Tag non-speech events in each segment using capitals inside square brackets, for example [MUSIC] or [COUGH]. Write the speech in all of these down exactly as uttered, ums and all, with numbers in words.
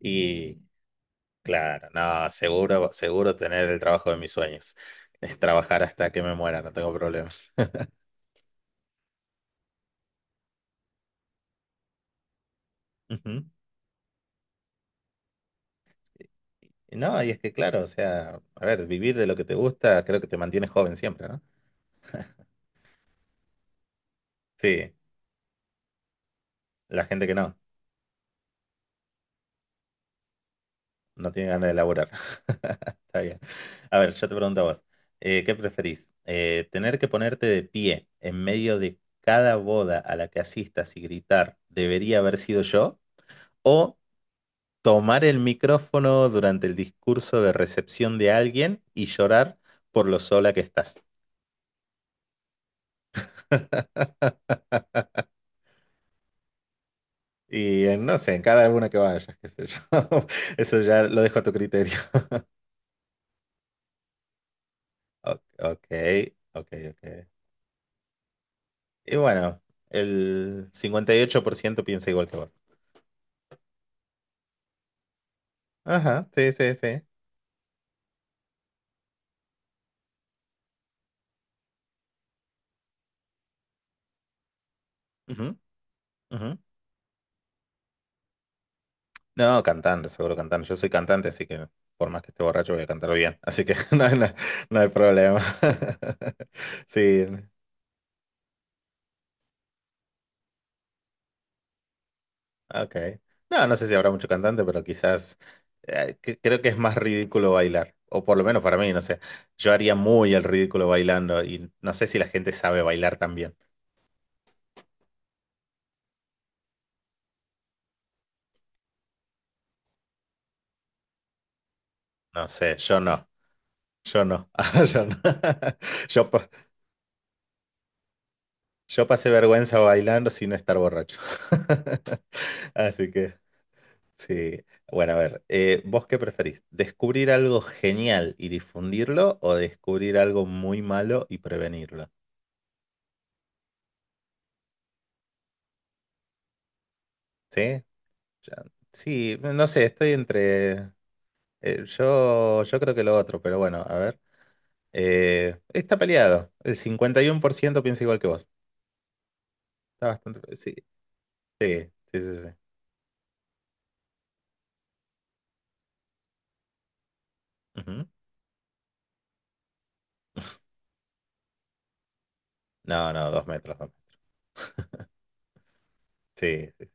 Y claro, no, seguro, seguro tener el trabajo de mis sueños. Es trabajar hasta que me muera, no tengo problemas. [LAUGHS] Ujú. Y no, y es que claro, o sea, a ver, vivir de lo que te gusta, creo que te mantienes joven siempre, ¿no? Sí, la gente que no, no tiene ganas de laburar. [LAUGHS] Está bien. A ver, yo te pregunto a vos, eh, ¿qué preferís? Eh, ¿tener que ponerte de pie en medio de cada boda a la que asistas y gritar, debería haber sido yo? ¿O tomar el micrófono durante el discurso de recepción de alguien y llorar por lo sola que estás? [LAUGHS] Y eh, no sé, en cada una que vayas, qué sé yo. [LAUGHS] Eso ya lo dejo a tu criterio. [LAUGHS] O- Ok, ok, ok. Y bueno, el cincuenta y ocho por ciento piensa igual que vos. Ajá, sí, sí, sí. Ujú, ujú. No, cantando, seguro cantando. Yo soy cantante, así que por más que esté borracho voy a cantar bien. Así que [LAUGHS] no, hay- no, no hay problema. [LAUGHS] Sí, ah, ok. No, no sé si habrá mucho cantante, pero quizás eh, que- creo que es más ridículo bailar. O por lo menos para mí, no sé. Yo haría muy el ridículo bailando y no sé si la gente sabe bailar también. No sé, yo no. Yo no. [LAUGHS] Yo no. [LAUGHS] Yo, pa- yo pasé vergüenza bailando sin estar borracho. [LAUGHS] Así que, sí. Bueno, a ver, eh, ¿vos qué preferís? ¿Descubrir algo genial y difundirlo o descubrir algo muy malo y prevenirlo? ¿Sí? Ya, sí, no sé, estoy entre. eh, yo, yo creo que lo otro, pero bueno, a ver. Eh, está peleado. El cincuenta y uno por ciento piensa igual que vos. Está bastante. Sí, sí, sí, sí. Sí. Ujú. No, no, dos metros. Dos metros. Sí, sí.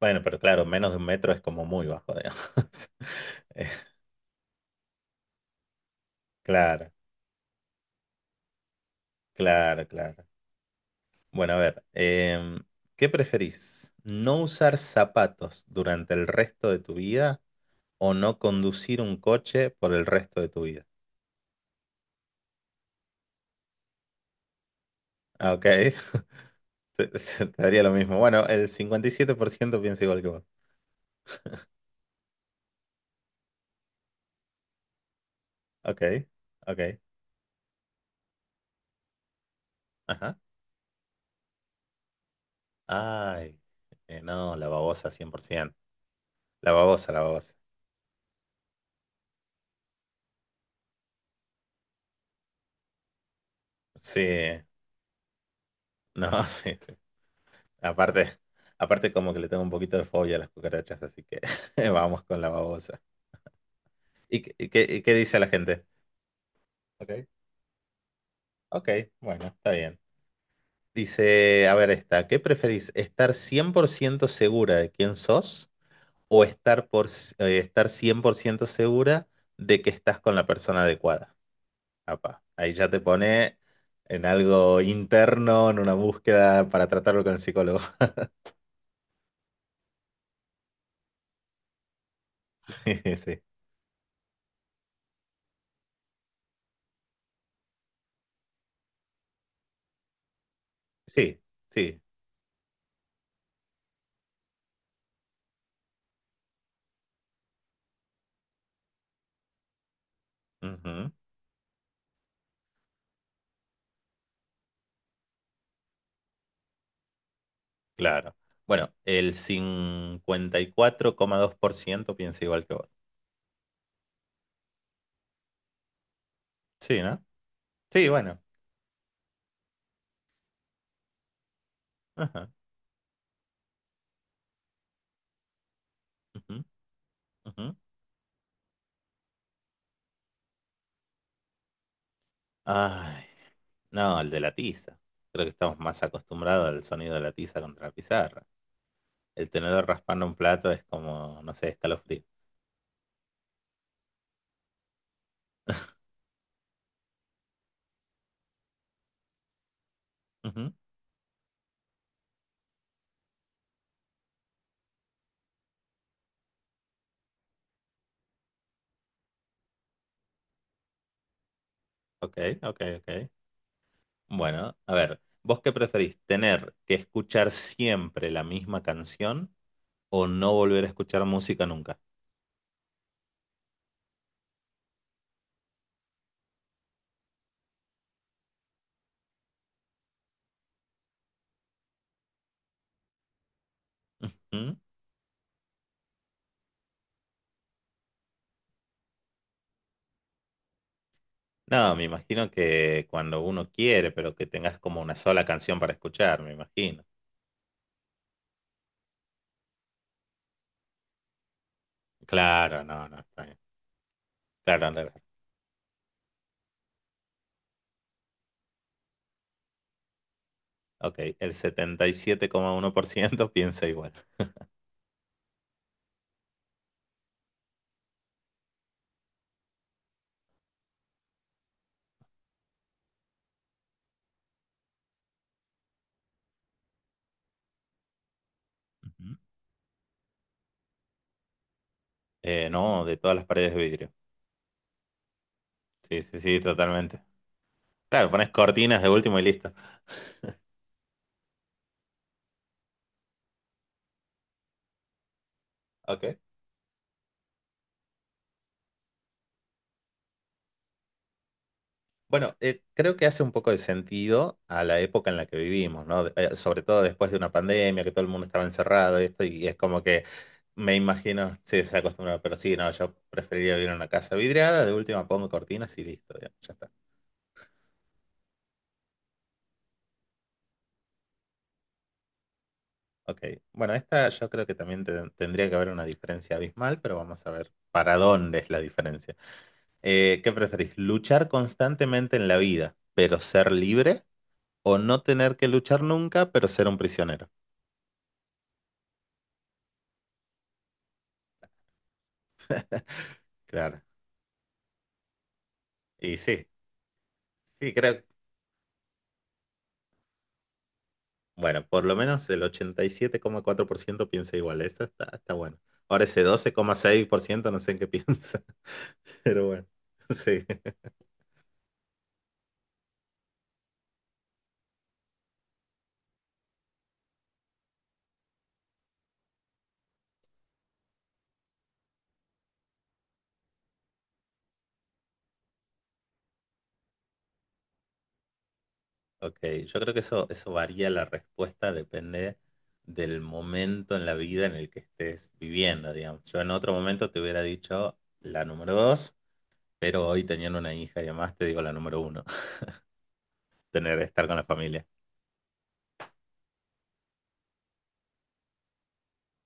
Bueno, pero claro, menos de un metro es como muy bajo, digamos. [LAUGHS] Eh, claro, claro, claro. Bueno, a ver. Em, ¿qué preferís? ¿No usar zapatos durante el resto de tu vida o no conducir un coche por el resto de tu vida? Ah, ok, [LAUGHS] te, te daría lo mismo. Bueno, el cincuenta y siete por ciento piensa igual que vos. Ok, ok, ajá. Ay, eh, no, la babosa cien por ciento. La babosa, la babosa. Sí, no, [LAUGHS] sí. Sí. Aparte, aparte como que le tengo un poquito de fobia a las cucarachas, así que [LAUGHS] vamos con la babosa. ¿Y, qué, y qué y qué dice la gente? Ok, ok, bueno, está bien. Dice, a ver esta, ¿qué preferís? ¿Estar cien por ciento segura de quién sos? O estar, por, eh, estar cien por ciento segura de que estás con la persona adecuada. Apa, ahí ya te pone en algo interno, en una búsqueda para tratarlo con el psicólogo. [LAUGHS] Sí, sí, sí. Sí, ujú, claro. Bueno, el cincuenta y cuatro coma dos por ciento piensa igual que vos. Sí, ¿no? Sí, bueno. Ajá. Ujú, ujú. Ay, no, el de la tiza. Creo que estamos más acostumbrados al sonido de la tiza contra la pizarra. El tenedor raspando un plato es como, no sé, escalofrío. Ujú, ok, ok, ok. Bueno, a ver, ¿vos qué preferís? ¿Tener que escuchar siempre la misma canción o no volver a escuchar música nunca? Ujú. No, me imagino que cuando uno quiere, pero que tengas como una sola canción para escuchar, me imagino. Claro, no, no, está bien. Claro, no, no. Ok, el setenta y siete coma uno por ciento [LAUGHS] piensa igual. Ujú. Eh, no, de todas las paredes de vidrio. Sí, sí, sí, totalmente. Claro, pones cortinas de último y listo. Ok. Bueno, eh, creo que hace un poco de sentido a la época en la que vivimos, ¿no? De- eh, sobre todo después de una pandemia, que todo el mundo estaba encerrado y esto, y es como que me imagino, sí, se ha acostumbrado, pero sí, no, yo preferiría vivir en una casa vidriada, de última pongo cortinas y listo, digamos, ya está. Ok. Bueno, esta yo creo que también te- tendría que haber una diferencia abismal, pero vamos a ver para dónde es la diferencia. Eh, ¿qué preferís? ¿Luchar constantemente en la vida, pero ser libre? O no tener que luchar nunca, pero ser un prisionero. Claro. Y sí, sí, creo, bueno, por lo menos el ochenta y siete coma cuatro por ciento piensa igual, eso está, está bueno. Ahora ese doce coma seis por ciento no sé en qué piensa, [LAUGHS] pero bueno, sí. Ok, yo creo que eso, eso varía la respuesta, depende del momento en la vida en el que estés viviendo, digamos. Yo en otro momento te hubiera dicho la número dos, pero hoy teniendo una hija y además te digo la número uno, [LAUGHS] tener, estar con la familia.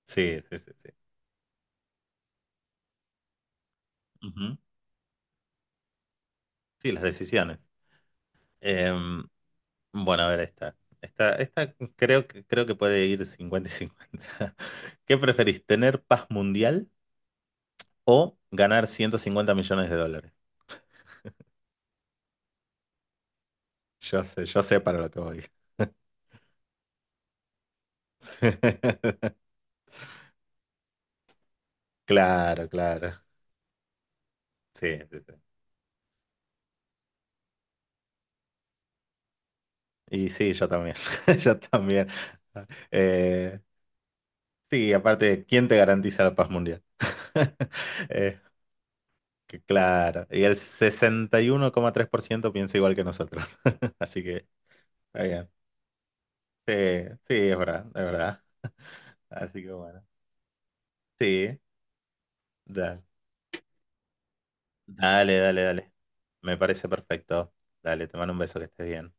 Sí, sí, sí, sí. Sí, las decisiones. Em, bueno, a ver esta. Esta, esta creo que, creo que puede ir cincuenta y cincuenta. [LAUGHS] ¿Qué preferís, tener paz mundial o ganar ciento cincuenta millones de dólares? Yo sé, yo sé para lo que voy. [LAUGHS] Claro, claro. Sí, sí, sí. Y sí, yo también. [LAUGHS] Yo también. Eh, sí, aparte, ¿quién te garantiza la paz mundial? [LAUGHS] Eh, que claro. Y el sesenta y uno coma tres por ciento piensa igual que nosotros. [LAUGHS] Así que está bien. Sí, sí, es verdad, es verdad. Así que bueno. Sí, dale. Dale, dale, dale. Me parece perfecto. Dale, te mando un beso, que estés bien.